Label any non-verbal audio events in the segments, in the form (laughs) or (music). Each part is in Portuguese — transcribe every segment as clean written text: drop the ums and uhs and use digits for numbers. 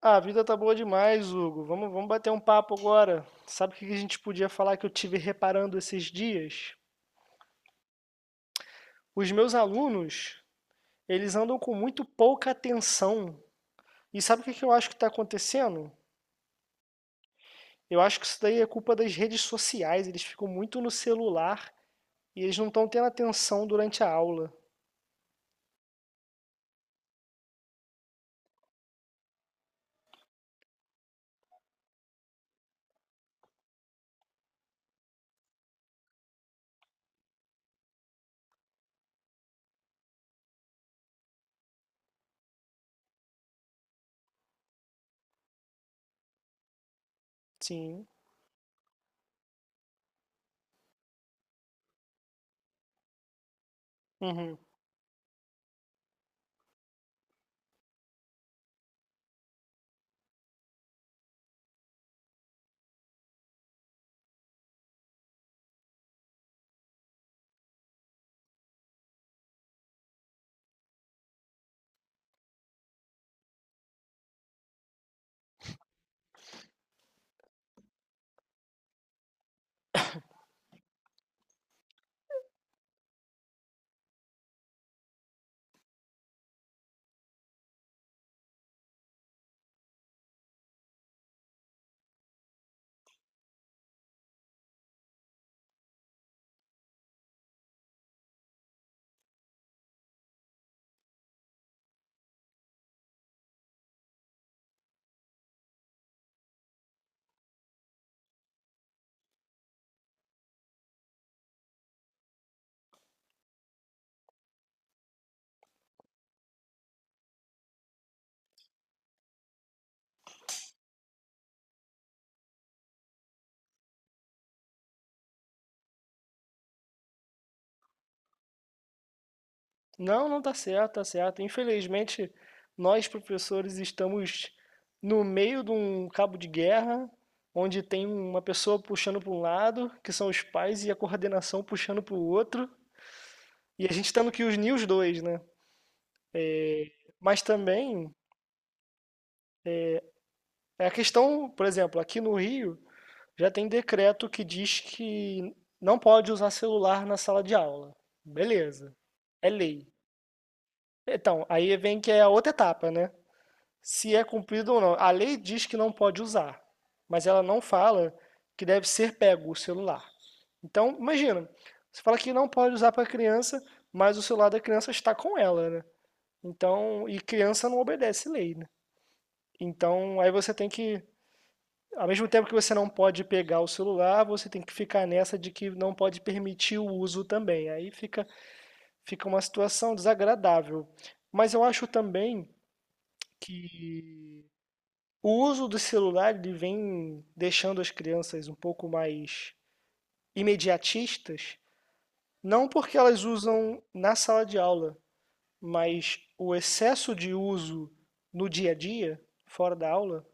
Ah, a vida tá boa demais, Hugo. Vamos bater um papo agora. Sabe o que que a gente podia falar que eu tive reparando esses dias? Os meus alunos, eles andam com muito pouca atenção. E sabe o que que eu acho que está acontecendo? Eu acho que isso daí é culpa das redes sociais. Eles ficam muito no celular e eles não estão tendo atenção durante a aula. Sim. Uhum. Não, não tá certo, tá certo. Infelizmente, nós professores estamos no meio de um cabo de guerra, onde tem uma pessoa puxando para um lado, que são os pais, e a coordenação puxando para o outro, e a gente tendo que unir os dois, né? Mas também é a questão, por exemplo, aqui no Rio já tem decreto que diz que não pode usar celular na sala de aula. Beleza, é lei. Então, aí vem que é a outra etapa, né? Se é cumprido ou não. A lei diz que não pode usar, mas ela não fala que deve ser pego o celular. Então, imagina, você fala que não pode usar para criança, mas o celular da criança está com ela, né? Então, e criança não obedece lei, né? Então, aí você tem que, ao mesmo tempo que você não pode pegar o celular, você tem que ficar nessa de que não pode permitir o uso também. Aí fica uma situação desagradável. Mas eu acho também que o uso do celular ele vem deixando as crianças um pouco mais imediatistas, não porque elas usam na sala de aula, mas o excesso de uso no dia a dia, fora da aula,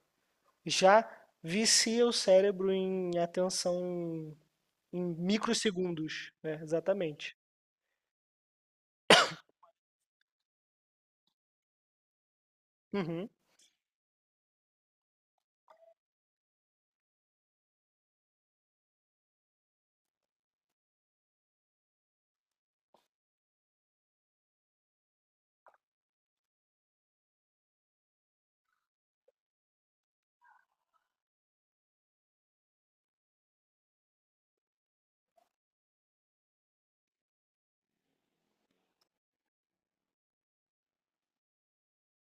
já vicia o cérebro em atenção em microsegundos, né? Exatamente. Uhum,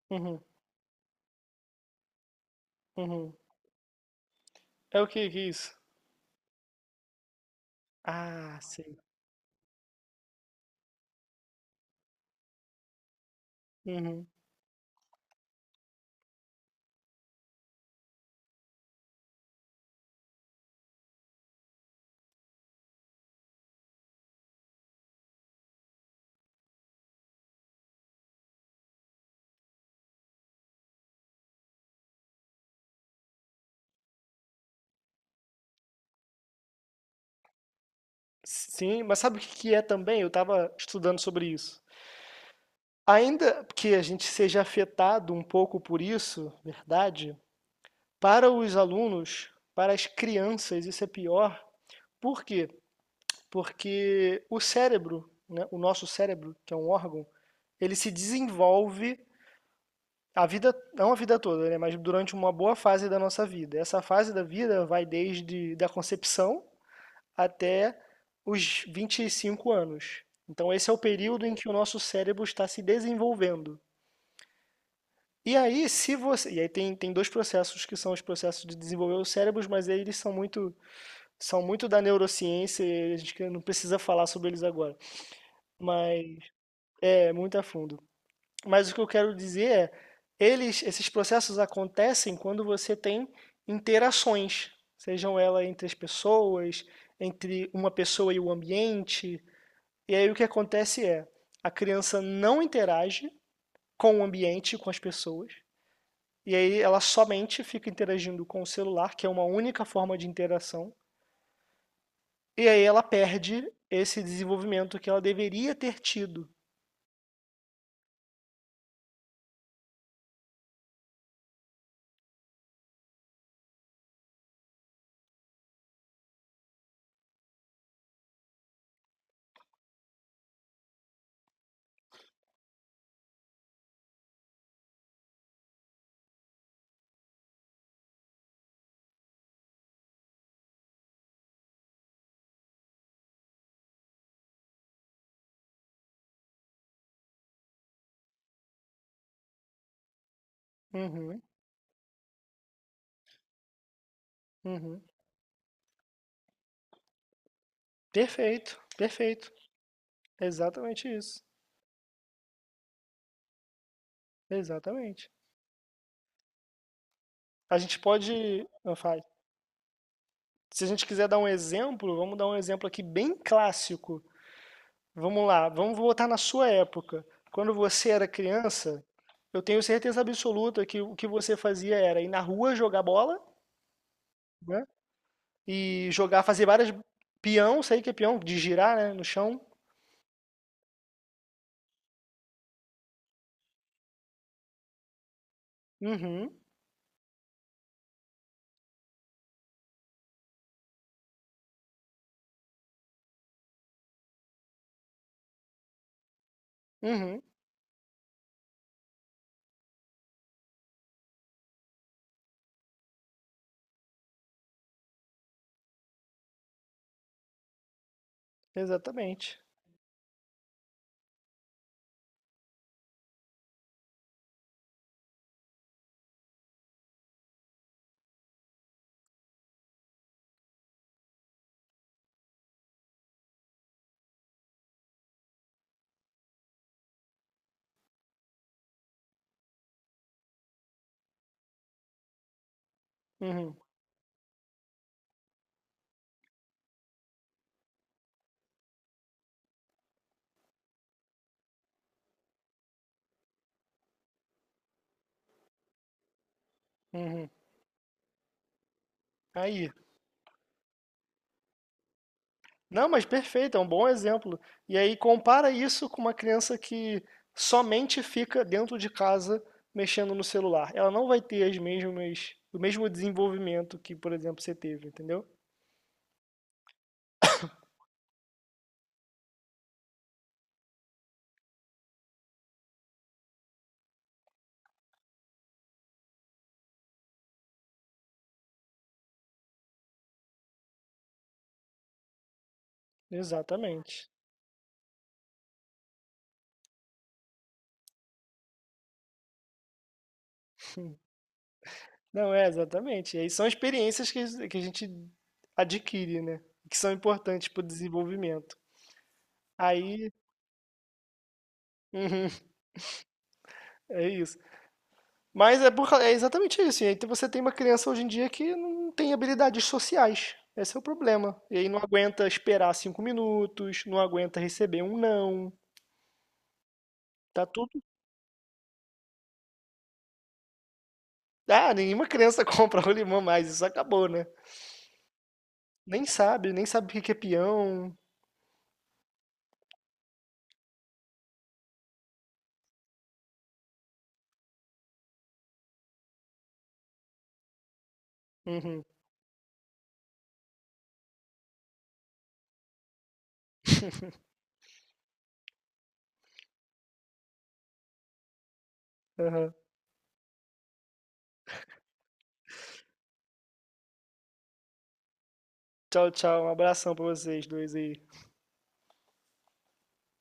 uhum, uhum. É o que que é isso? Ah, sim. Uhum. Sim, mas sabe o que que é também? Eu estava estudando sobre isso. Ainda que a gente seja afetado um pouco por isso, verdade, para os alunos, para as crianças, isso é pior. Por quê? Porque o cérebro, né, o nosso cérebro, que é um órgão, ele se desenvolve a vida, não a vida toda, né, mas durante uma boa fase da nossa vida. Essa fase da vida vai desde da concepção até os 25 anos. Então, esse é o período em que o nosso cérebro está se desenvolvendo. E aí, se você, e aí tem dois processos que são os processos de desenvolver os cérebros, mas aí eles são muito da neurociência, e a gente não precisa falar sobre eles agora, mas é muito a fundo. Mas o que eu quero dizer é, eles, esses processos acontecem quando você tem interações, sejam elas entre as pessoas, entre uma pessoa e o ambiente. E aí o que acontece é, a criança não interage com o ambiente, com as pessoas, e aí ela somente fica interagindo com o celular, que é uma única forma de interação. E aí ela perde esse desenvolvimento que ela deveria ter tido. Uhum, uhum. Perfeito, perfeito. Exatamente isso. Exatamente. A gente pode. Fala. Se a gente quiser dar um exemplo, vamos dar um exemplo aqui bem clássico. Vamos lá, vamos voltar na sua época. Quando você era criança, eu tenho certeza absoluta que o que você fazia era ir na rua jogar bola, né? E jogar, fazer várias peão, sei que é peão, de girar, né, no chão. Uhum, uhum, exatamente. Uhum, uhum. Aí. Não, mas perfeito, é um bom exemplo. E aí compara isso com uma criança que somente fica dentro de casa mexendo no celular. Ela não vai ter as mesmas, o mesmo desenvolvimento que, por exemplo, você teve, entendeu? Exatamente. Não, é exatamente. E aí são experiências que a gente adquire, né? Que são importantes para o desenvolvimento. Aí. Uhum, é isso. Mas é, é exatamente isso. E aí você tem uma criança hoje em dia que não tem habilidades sociais. Esse é o problema. E aí não aguenta esperar 5 minutos, não aguenta receber um não. Tá tudo. Ah, nenhuma criança (laughs) compra rolimã mais. Isso acabou, né? Nem sabe, nem sabe o que que é peão. Uhum, aham. Tchau, tchau. Um abração pra vocês dois aí.